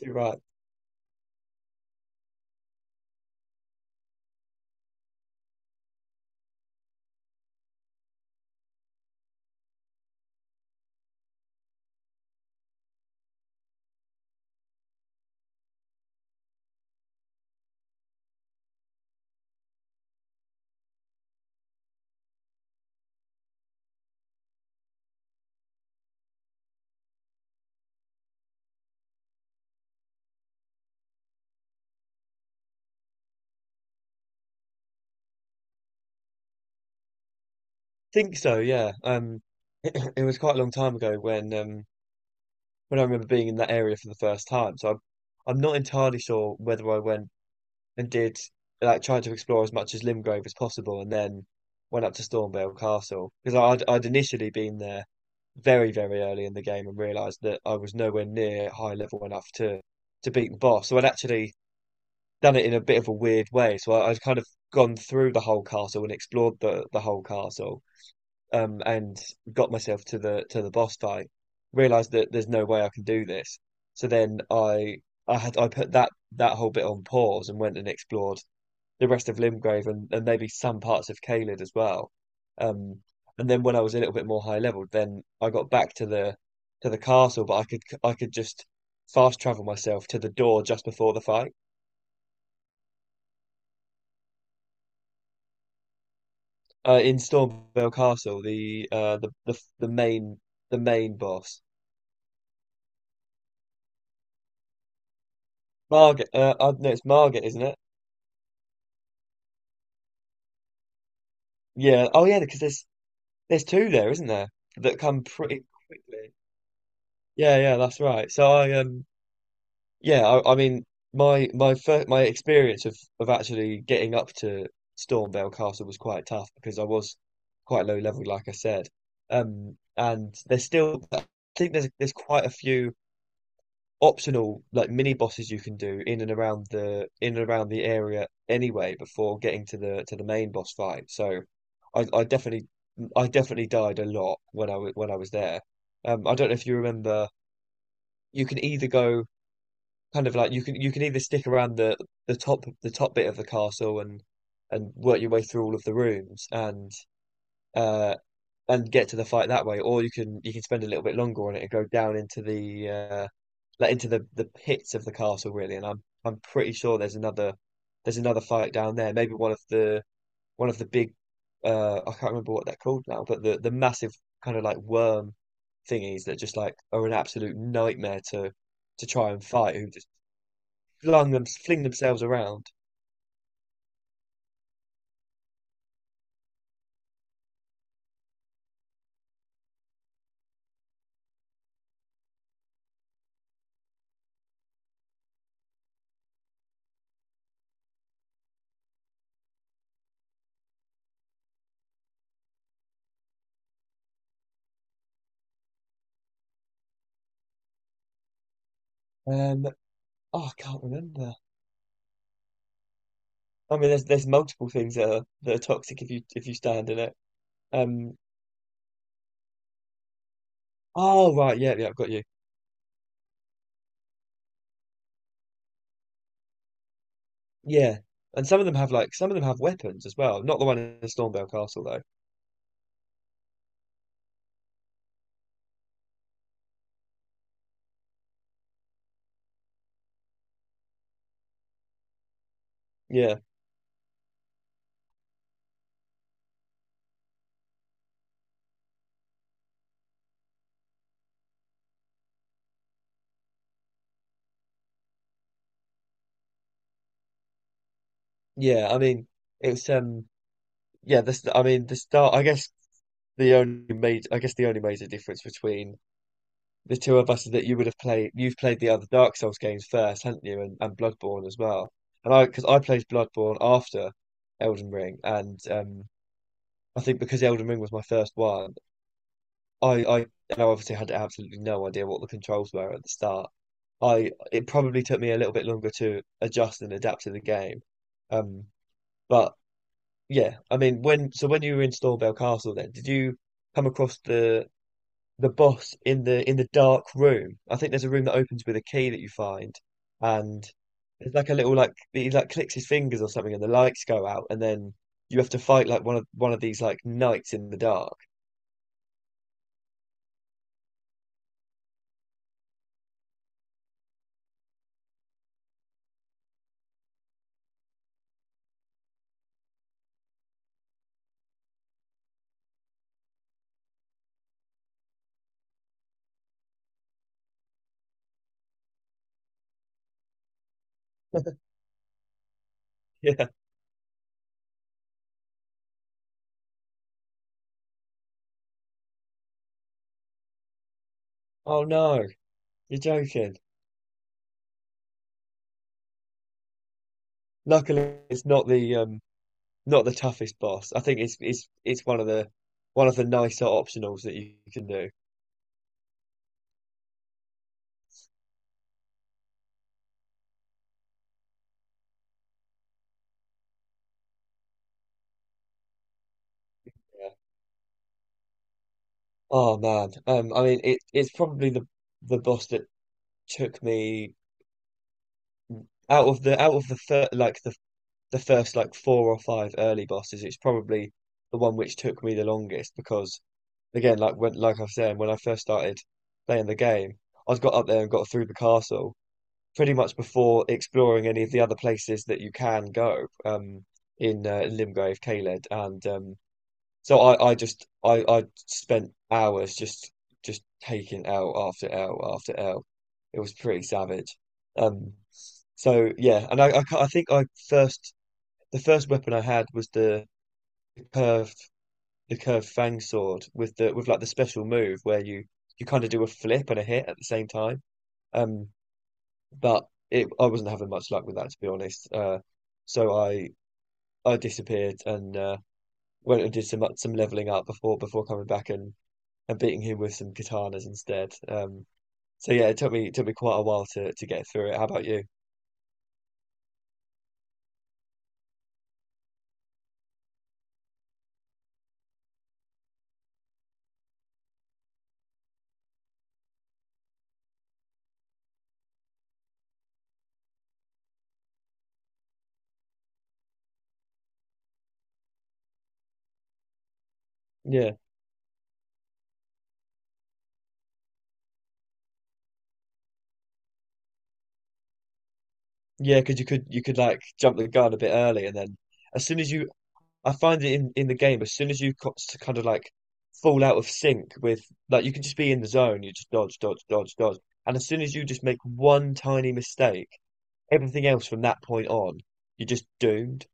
You're right. Think so, yeah. It was quite a long time ago when I remember being in that area for the first time. So I'm not entirely sure whether I went and did like tried to explore as much as Limgrave as possible, and then went up to Stormvale Castle because I'd initially been there very very early in the game and realised that I was nowhere near high level enough to beat the boss. So I'd actually done it in a bit of a weird way. So I'd kind of gone through the whole castle and explored the whole castle and got myself to the boss fight. Realized that there's no way I can do this. So then I put that whole bit on pause and went and explored the rest of Limgrave and maybe some parts of Caelid as well. Um, and then when I was a little bit more high level, then I got back to the castle, but I could just fast travel myself to the door just before the fight. In Stormvale Castle, the main boss, Margaret. No, it's Margaret, isn't it? Yeah. Oh, yeah. Because there's two there, isn't there? That come pretty quickly. Yeah. Yeah. That's right. So I yeah. I mean my my first my experience of actually getting up to Stormvale Castle was quite tough because I was quite low level, like I said. And there's still I think there's quite a few optional like mini bosses you can do in and around the in and around the area anyway before getting to the main boss fight. So I, I definitely I definitely died a lot when I was there. I don't know if you remember. You can either go kind of like you can either stick around the top bit of the castle and work your way through all of the rooms uh and get to the fight that way, or you can spend a little bit longer on it and go down into the like into the pits of the castle really. And I'm pretty sure there's another fight down there. Maybe one of the big I can't remember what they're called now, but the massive kind of like worm thingies that just like are an absolute nightmare to try and fight who just flung them fling themselves around. Um, oh, I can't remember. I mean, there's multiple things that are toxic if you stand in it. Um, Oh right, yeah, yeah, I've got you. Yeah, and some of them have like some of them have weapons as well. Not the one in Stormvale Castle though. Yeah, yeah. I mean, it's yeah. I mean, the start. I guess the only made. I guess the only major difference between the two of us is that you would have played. You've played the other Dark Souls games first, haven't you? And Bloodborne as well. And because I played Bloodborne after Elden Ring, and I think because Elden Ring was my first one, I, I, and I obviously had absolutely no idea what the controls were at the start. I it probably took me a little bit longer to adjust and adapt to the game. Um, but yeah, I mean, when so when you were in Stormvale Castle, then did you come across the boss in the dark room? I think there's a room that opens with a key that you find, and it's like a little like he like clicks his fingers or something, and the lights go out, and then you have to fight like one of these like knights in the dark. Yeah. Oh no, you're joking. Luckily, it's not the not the toughest boss. I think it's one of the nicer optionals that you can do. Yeah. Oh man, I mean it's probably the boss that took me out of the out of the first like four or five early bosses. It's probably the one which took me the longest because again, like I was saying, when I first started playing the game, I got up there and got through the castle. Pretty much before exploring any of the other places that you can go in Limgrave, Caled, and so I spent hours just taking L after L after L. It was pretty savage. Um, so yeah, and I think I first the first weapon I had was curved the curved fang sword with the with like the special move where you kind of do a flip and a hit at the same time. Um, but I wasn't having much luck with that, to be honest. So I disappeared and went and did some leveling up before before coming back and beating him with some katanas instead. So yeah, it took me quite a while to get through it. How about you? Yeah, yeah, because you could like jump the gun a bit early, and then as soon as you, I find it in the game, as soon as kind of like fall out of sync with like you can just be in the zone, you just dodge, dodge, dodge, dodge, and as soon as you just make one tiny mistake everything else from that point on, you're just doomed.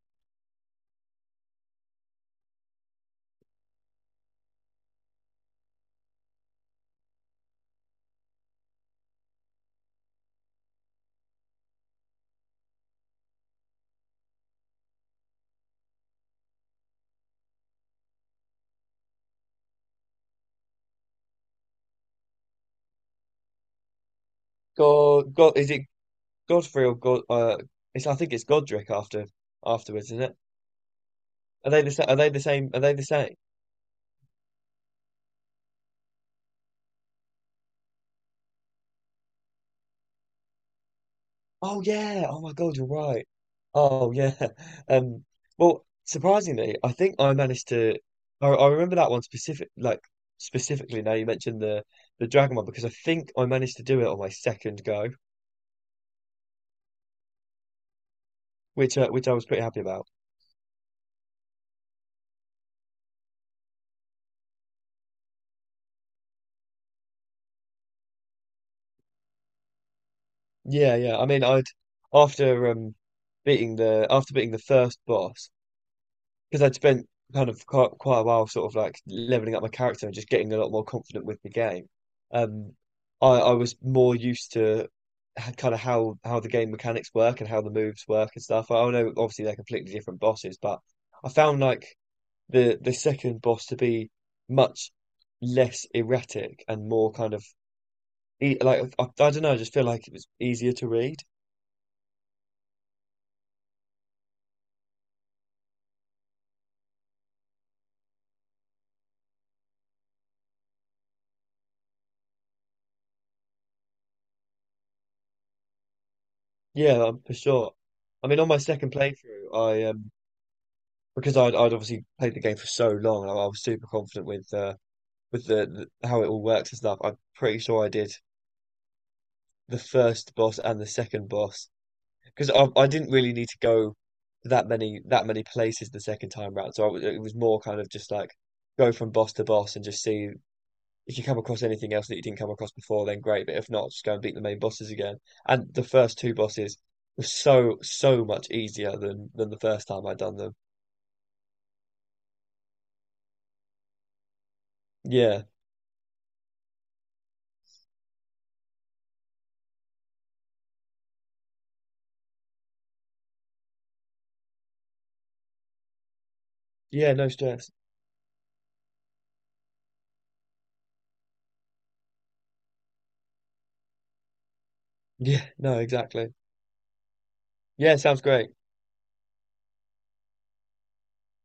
Is it Godfrey or God? It's I think it's Godric after afterwards, isn't it? Are they the same? Are they the same? Oh yeah. Oh my God, you're right. Oh yeah. Um. Well, surprisingly, I think I managed to. I remember that one specifically. Now you mentioned the dragon one because I think I managed to do it on my second go, which I was pretty happy about. Yeah, yeah. I mean, I'd after beating the after beating the first boss because I'd spent kind of quite a while sort of like leveling up my character and just getting a lot more confident with the game. Um, I was more used to kind of how the game mechanics work and how the moves work and stuff. I know obviously they're completely different bosses, but I found like the second boss to be much less erratic and more kind of I don't know. I just feel like it was easier to read. Yeah, for sure. I mean, on my second playthrough, I because I'd obviously played the game for so long, and I was super confident with the how it all works and stuff. I'm pretty sure I did the first boss and the second boss because I didn't really need to go that many places the second time round. So it was more kind of just like go from boss to boss and just see if you come across anything else that you didn't come across before, then great. But if not, just go and beat the main bosses again. And the first two bosses were so so much easier than the first time I'd done them. Yeah, yeah, no stress. Yeah, no, exactly. Yeah, sounds great.